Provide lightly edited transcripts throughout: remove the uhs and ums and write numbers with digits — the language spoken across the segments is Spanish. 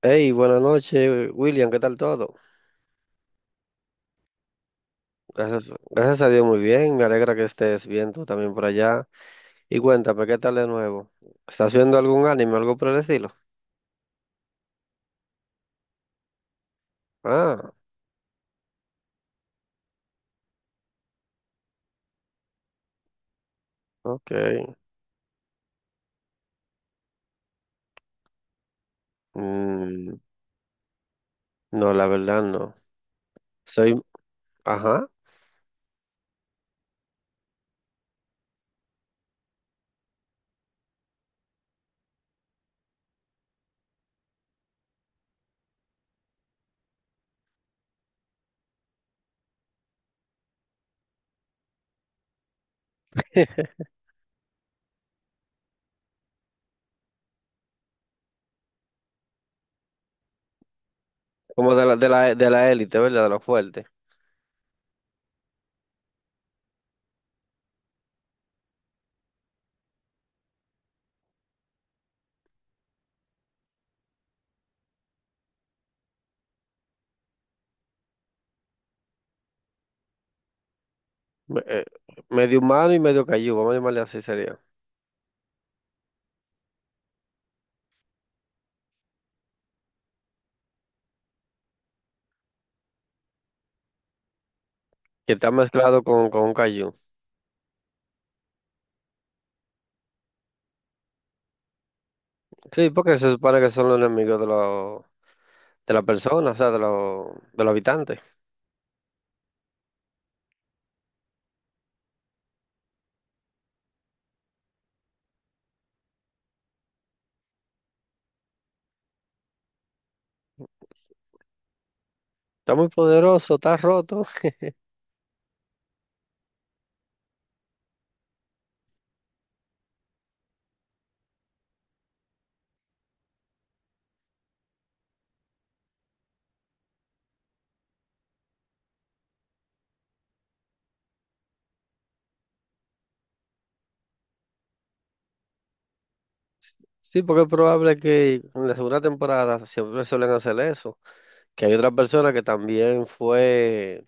Hey, buenas noches, William, ¿qué tal todo? Gracias, gracias a Dios, muy bien. Me alegra que estés bien tú también por allá. Y cuéntame, ¿qué tal de nuevo? ¿Estás viendo algún anime, algo por el estilo? Ah, ok. Mm, no, la verdad no. Soy, ajá, como de la, de la élite, ¿verdad? De los fuertes. Me- eh, medio humano y medio cayú, vamos a llamarle así sería. Que está mezclado con un cayú. Sí, porque se supone que son los enemigos de los, de la persona, o sea, de los habitantes. Está muy poderoso, está roto. Sí, porque es probable que en la segunda temporada siempre suelen hacer eso, que hay otra persona que también fue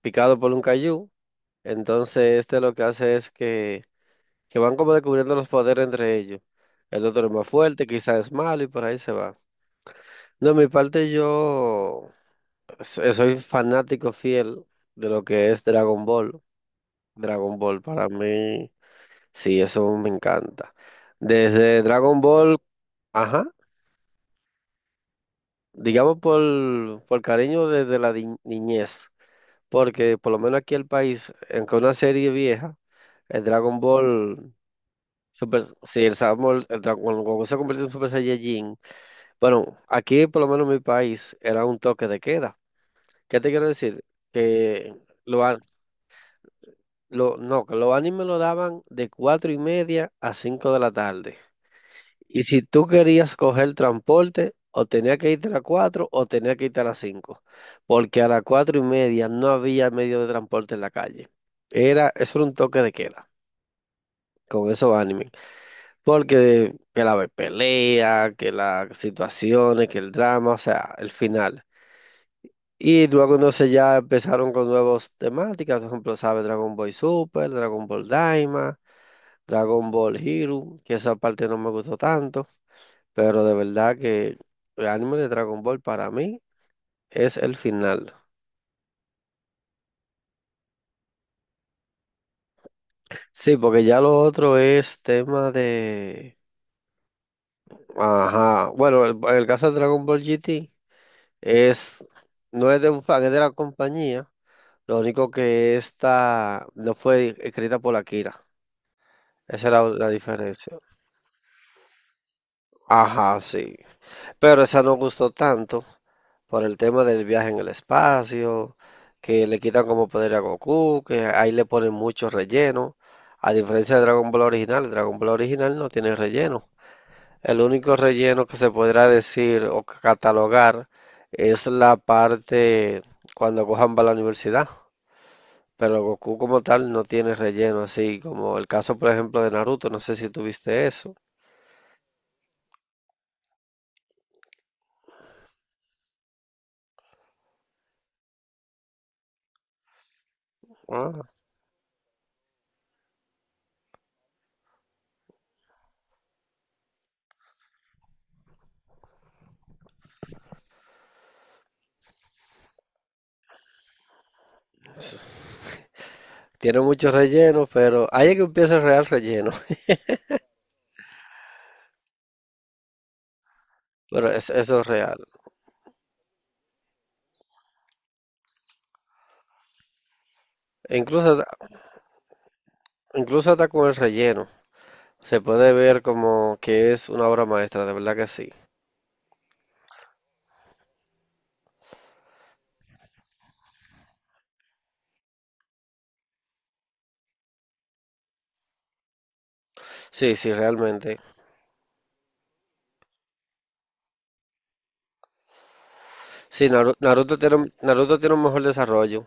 picado por un cayú, entonces este lo que hace es que van como descubriendo los poderes entre ellos. El otro es más fuerte, quizás es malo y por ahí se va. No, de mi parte yo soy fanático fiel de lo que es Dragon Ball. Dragon Ball para mí. Sí, eso me encanta. Desde Dragon Ball, ajá, digamos por cariño desde la niñez, porque por lo menos aquí en el país, aunque una serie vieja, el Dragon Ball. Super, sí, el Samuel, el Dragon Ball, cuando se convirtió en Super Saiyajin, bueno, aquí por lo menos en mi país era un toque de queda. ¿Qué te quiero decir? Que lo, a- no, que los animes lo daban de 4:30 a cinco de la tarde. Y si tú querías coger transporte, o tenía que irte a las 4 o tenía que irte a las 5 porque a las 4:30 no había medio de transporte en la calle. Eso era un toque de queda con esos animes, porque que la pelea, que las situaciones, que el drama, o sea, el final. Y luego entonces ya empezaron con nuevas temáticas, por ejemplo, ¿sabes? Dragon Ball Super, Dragon Ball Daima, Dragon Ball Hero, que esa parte no me gustó tanto. Pero de verdad que el anime de Dragon Ball para mí es el final. Sí, porque ya lo otro es tema de... Ajá. Bueno, el caso de Dragon Ball GT es... No es de un fan, es de la compañía. Lo único que esta no fue escrita por Akira. Esa era la diferencia. Ajá, sí. Pero esa no gustó tanto por el tema del viaje en el espacio, que le quitan como poder a Goku, que ahí le ponen mucho relleno. A diferencia de Dragon Ball original no tiene relleno. El único relleno que se podrá decir o catalogar es la parte cuando Gohan va a la universidad. Pero Goku como tal no tiene relleno, así como el caso, por ejemplo, de Naruto, no sé si tuviste eso. Ah, tiene mucho relleno, pero ahí es que empieza el real relleno. Bueno, eso es real. E incluso, incluso hasta con el relleno. Se puede ver como que es una obra maestra, de verdad que sí. Sí, sí, realmente. Sí, Naruto tiene un mejor desarrollo,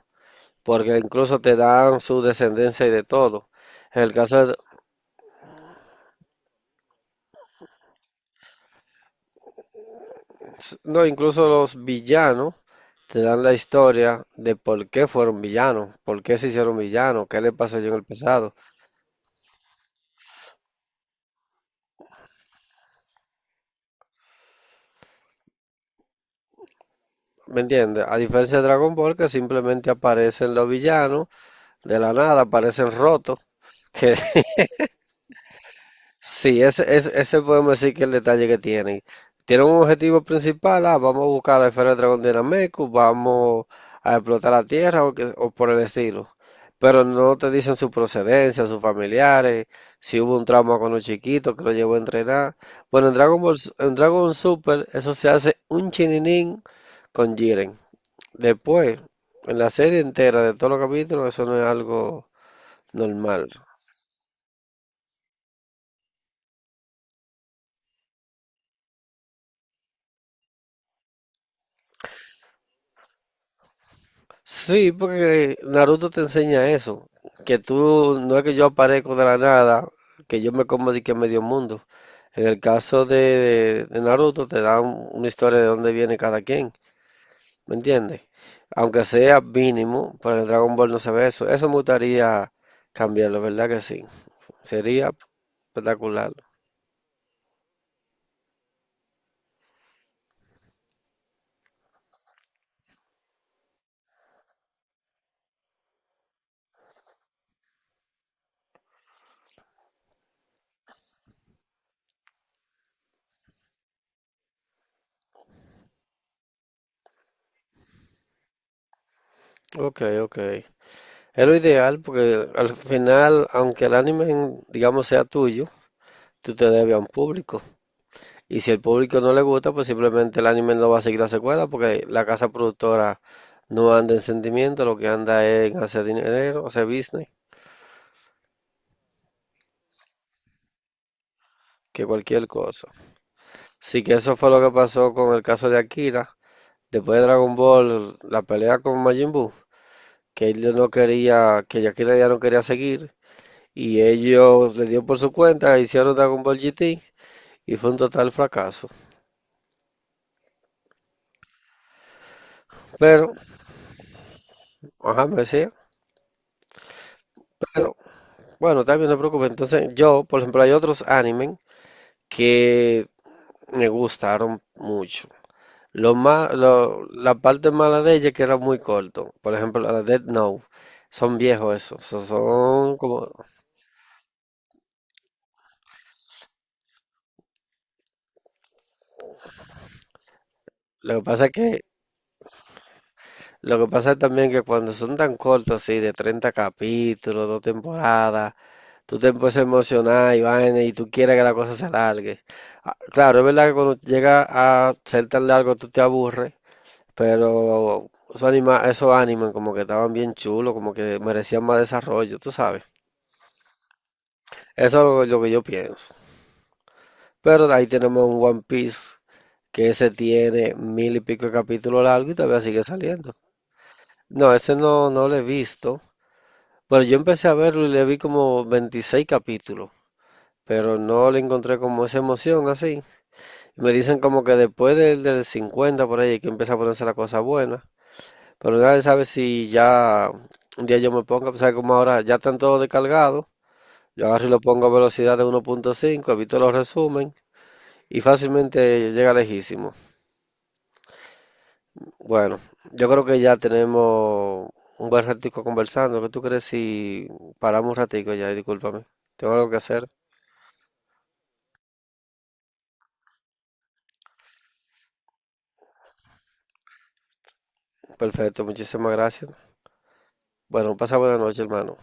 porque incluso te dan su descendencia y de todo. En el caso de, no, incluso los villanos te dan la historia de por qué fueron villanos, por qué se hicieron villanos, qué le pasó yo en el pasado. ¿Me entiendes? A diferencia de Dragon Ball, que simplemente aparecen los villanos de la nada aparecen rotos. Que sí, ese podemos decir que es el detalle que tienen. Tienen un objetivo principal, ah, vamos a buscar la esfera del dragón de Nameku, vamos a explotar la tierra o por el estilo. Pero no te dicen su procedencia, sus familiares, si hubo un trauma con los chiquitos que lo llevó a entrenar. Bueno, en Dragon Super, eso se hace un chininín con Jiren. Después, en la serie entera de todos los capítulos, eso no es algo normal. Sí, porque Naruto te enseña eso, que tú, no es que yo aparezco de la nada, que yo me como de que medio mundo. En el caso de Naruto te dan una historia de dónde viene cada quien, ¿me entiendes? Aunque sea mínimo, pero en Dragon Ball no se ve eso. Eso me gustaría cambiarlo, ¿verdad que sí? Sería espectacular. Ok, ok. Es lo ideal porque al final, aunque el anime, digamos, sea tuyo, tú te debes a un público. Y si el público no le gusta, pues simplemente el anime no va a seguir la secuela porque la casa productora no anda en sentimiento, lo que anda es en hacer dinero, hacer business, que cualquier cosa. Así que eso fue lo que pasó con el caso de Akira. Después de Dragon Ball, la pelea con Majin Buu, que él no quería, que Akira ya no quería seguir, y ellos le dio por su cuenta, hicieron Dragon Ball GT, y fue un total fracaso. Pero, ajá, me decía, pero, bueno, también no te preocupes. Entonces, yo, por ejemplo, hay otros animes que me gustaron mucho. La parte mala de ella es que era muy corto. Por ejemplo, la de Death Note. Son viejos esos. Son como. Lo que pasa es que. Lo que pasa es también que cuando son tan cortos así, de 30 capítulos, dos temporadas, tú te empiezas a emocionar y vaina, y tú quieres que la cosa se alargue. Ah, claro, es verdad que cuando llega a ser tan largo tú te aburres. Pero esos animes como que estaban bien chulos, como que merecían más desarrollo, tú sabes. Eso es lo que yo pienso. Pero ahí tenemos un One Piece que ese tiene mil y pico de capítulos largos y todavía sigue saliendo. No, ese no, no lo he visto. Bueno, yo empecé a verlo y le vi como 26 capítulos, pero no le encontré como esa emoción así. Me dicen como que después del 50 por ahí es que empieza a ponerse la cosa buena. Pero nadie sabe si ya un día yo me ponga, pues sabe como ahora ya están todos descargados. Yo agarro y lo pongo a velocidad de 1.5, evito los resumen y fácilmente llega lejísimo. Bueno, yo creo que ya tenemos un buen ratico conversando. ¿Qué tú crees si paramos un ratico ya? Discúlpame. Tengo algo que hacer. Perfecto, muchísimas gracias. Bueno, pasa buena noche, hermano.